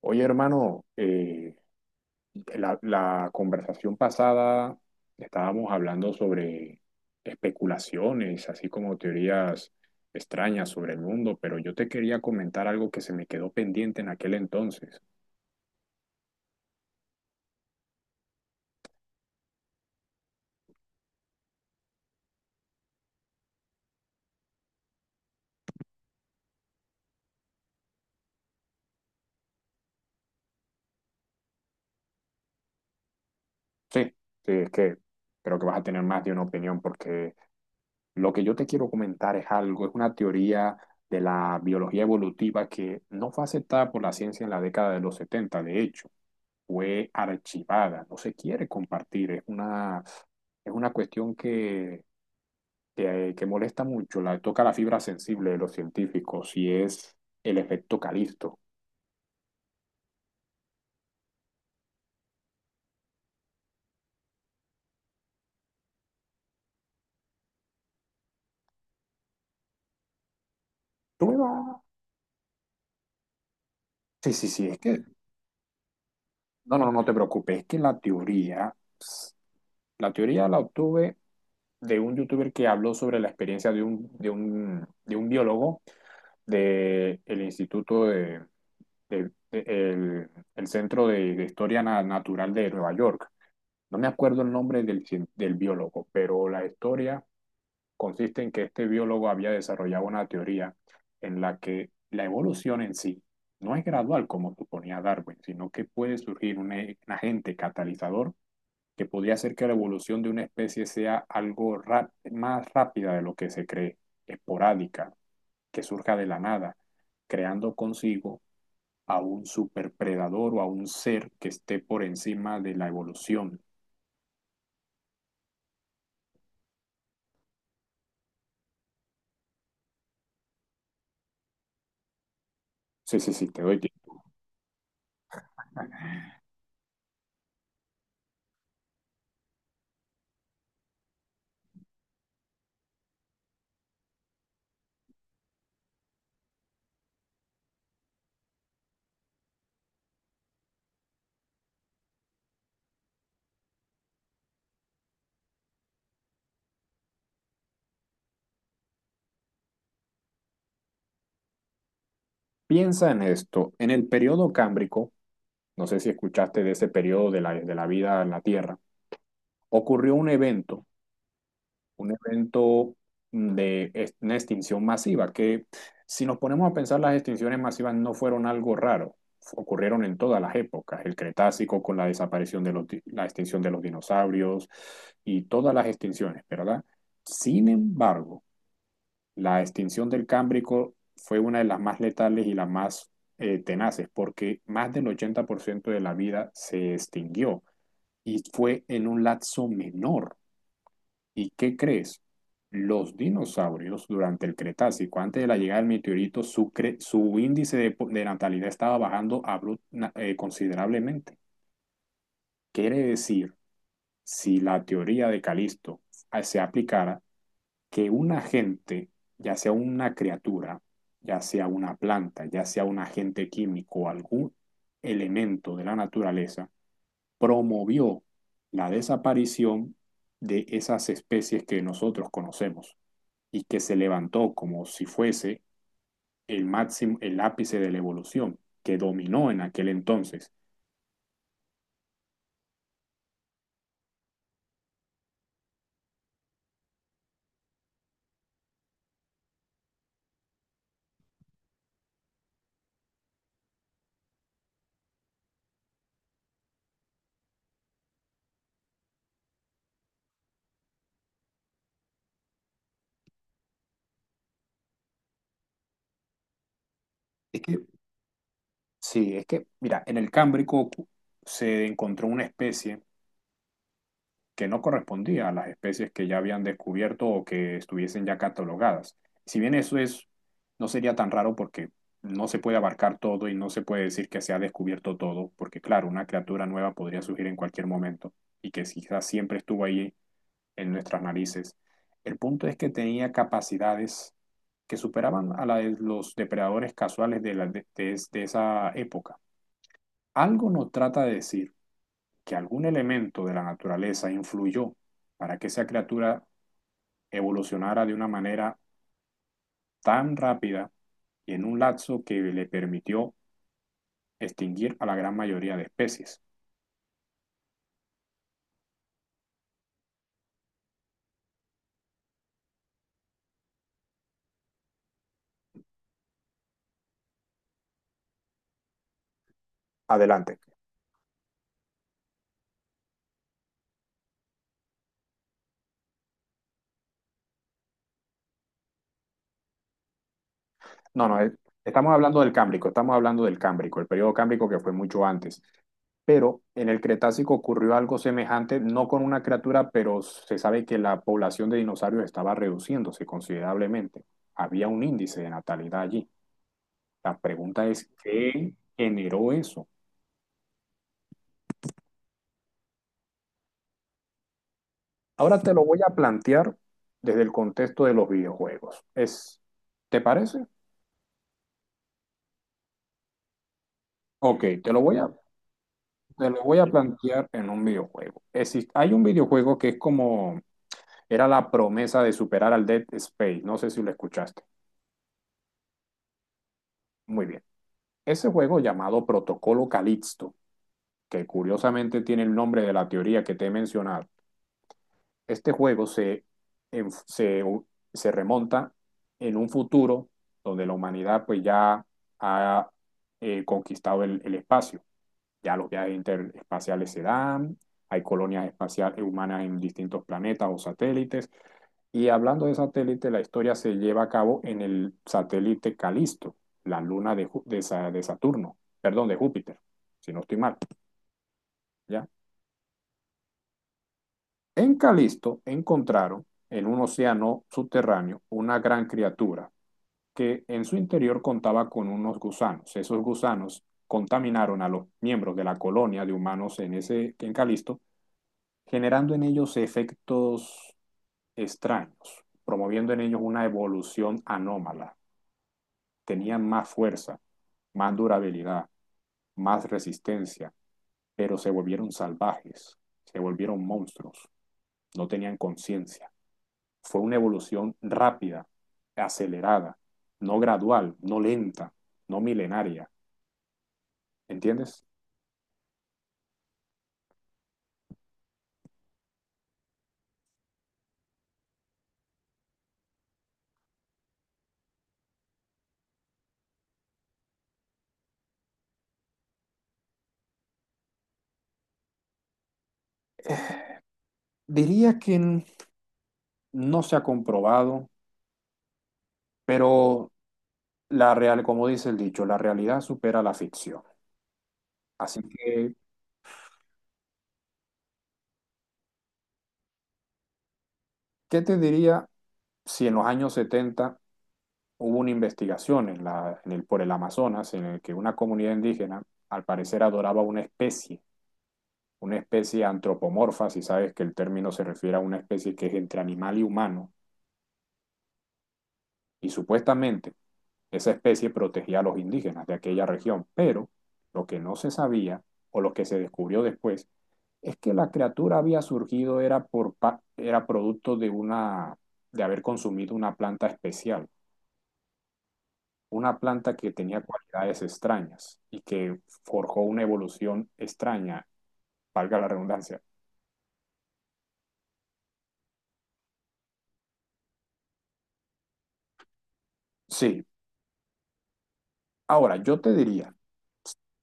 Oye, hermano, la conversación pasada estábamos hablando sobre especulaciones, así como teorías extrañas sobre el mundo, pero yo te quería comentar algo que se me quedó pendiente en aquel entonces. Sí, sí, es que creo que vas a tener más de una opinión porque lo que yo te quiero comentar es algo, es una teoría de la biología evolutiva que no fue aceptada por la ciencia en la década de los 70, de hecho. Fue archivada, no se quiere compartir, es una cuestión que molesta mucho, toca la fibra sensible de los científicos y es el efecto Calisto. Tú me vas- Sí, sí, sí, no, no, no te preocupes, es que la teoría la obtuve de un youtuber que habló sobre la experiencia de un biólogo del Instituto de- de- el, el Centro de Historia Natural de Nueva York. No me acuerdo el nombre del biólogo, pero la historia consiste en que este biólogo había desarrollado una teoría en la que la evolución en sí no es gradual como suponía Darwin, sino que puede surgir un agente catalizador que podría hacer que la evolución de una especie sea algo más rápida de lo que se cree, esporádica, que surja de la nada, creando consigo a un superpredador o a un ser que esté por encima de la evolución. Sí, sí, sí, te doy tiempo. Piensa en esto, en el periodo Cámbrico, no sé si escuchaste de ese periodo de la vida en la Tierra, ocurrió un evento, un evento, una extinción masiva, que si nos ponemos a pensar, las extinciones masivas no fueron algo raro, ocurrieron en todas las épocas, el Cretácico con la desaparición de la extinción de los dinosaurios y todas las extinciones, ¿verdad? Sin embargo, la extinción del Cámbrico fue una de las más letales y las más tenaces, porque más del 80% de la vida se extinguió y fue en un lapso menor. ¿Y qué crees? Los dinosaurios durante el Cretácico, antes de la llegada del meteorito, su índice de natalidad estaba bajando considerablemente. Quiere decir, si la teoría de Calisto se aplicara, que un agente, ya sea una criatura, ya sea una planta, ya sea un agente químico o algún elemento de la naturaleza, promovió la desaparición de esas especies que nosotros conocemos y que se levantó como si fuese el máximo, el ápice de la evolución que dominó en aquel entonces. Es que, sí, es que, mira, en el Cámbrico se encontró una especie que no correspondía a las especies que ya habían descubierto o que estuviesen ya catalogadas. Si bien eso es, no sería tan raro porque no se puede abarcar todo y no se puede decir que se ha descubierto todo, porque claro, una criatura nueva podría surgir en cualquier momento y que quizás siempre estuvo ahí en nuestras narices. El punto es que tenía capacidades que superaban a la de los depredadores casuales de, la, de esa época. Algo nos trata de decir que algún elemento de la naturaleza influyó para que esa criatura evolucionara de una manera tan rápida y en un lapso que le permitió extinguir a la gran mayoría de especies. Adelante. No, no, estamos hablando del Cámbrico, estamos hablando del Cámbrico, el periodo Cámbrico que fue mucho antes. Pero en el Cretácico ocurrió algo semejante, no con una criatura, pero se sabe que la población de dinosaurios estaba reduciéndose considerablemente. Había un índice de natalidad allí. La pregunta es, ¿qué generó eso? Ahora te lo voy a plantear desde el contexto de los videojuegos. ¿Te parece? Ok, te lo voy a plantear en un videojuego. Hay un videojuego que es como, era la promesa de superar al Dead Space. No sé si lo escuchaste. Muy bien. Ese juego llamado Protocolo Calixto, que curiosamente tiene el nombre de la teoría que te he mencionado, este juego en- se, se remonta en un futuro donde la humanidad pues ya ha conquistado el espacio. Ya los viajes interespaciales se dan, hay colonias espaciales humanas en distintos planetas o satélites. Y hablando de satélite, la historia se lleva a cabo en el satélite Calisto, la luna de Saturno, perdón, de Júpiter, si no estoy mal, ¿ya? En Calisto encontraron, en un océano subterráneo, una gran criatura que en su interior contaba con unos gusanos. Esos gusanos contaminaron a los miembros de la colonia de humanos en Calisto, generando en ellos efectos extraños, promoviendo en ellos una evolución anómala. Tenían más fuerza, más durabilidad, más resistencia, pero se volvieron salvajes, se volvieron monstruos, no tenían conciencia. Fue una evolución rápida, acelerada, no gradual, no lenta, no milenaria, ¿entiendes? Diría que no se ha comprobado, pero como dice el dicho, la realidad supera la ficción. Así que, ¿qué te diría si en los años setenta hubo una investigación en la, en el, por el Amazonas en el que una comunidad indígena al parecer adoraba una especie antropomorfa, si sabes que el término se refiere a una especie que es entre animal y humano, y supuestamente esa especie protegía a los indígenas de aquella región, pero lo que no se sabía o lo que se descubrió después es que la criatura había surgido era, por, era producto de, una, de haber consumido una planta especial, una planta que tenía cualidades extrañas y que forjó una evolución extraña, valga la redundancia. Sí, ahora yo te diría,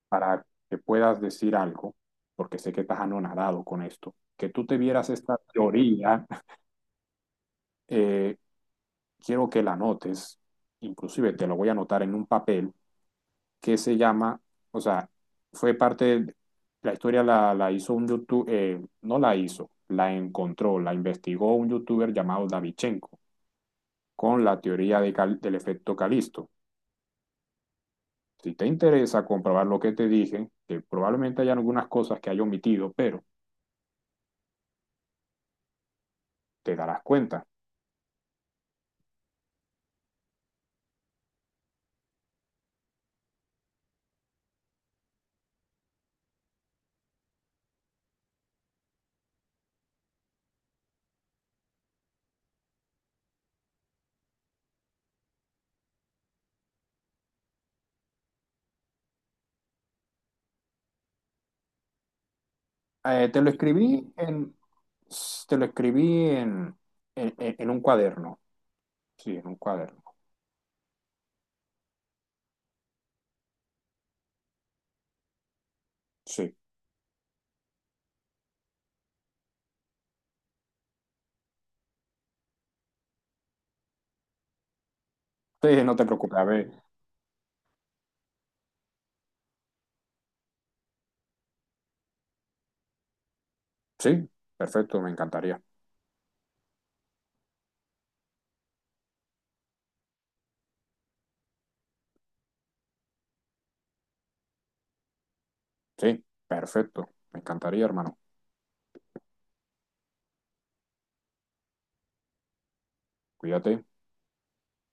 para que puedas decir algo, porque sé que estás anonadado con esto, que tú te vieras esta teoría, eh, quiero que la anotes, inclusive te lo voy a anotar en un papel que se llama, o sea, fue parte de la historia la hizo un youtuber, no la hizo, la encontró, la investigó un youtuber llamado Davichenko con la teoría de del efecto Calisto. Si te interesa comprobar lo que te dije, que probablemente haya algunas cosas que haya omitido, pero te darás cuenta. Te lo escribí en, te lo escribí en, en un cuaderno. Sí, en un cuaderno. Sí, sí, no te preocupes. A ver, sí, perfecto, me encantaría. Sí, perfecto, me encantaría, hermano. Cuídate.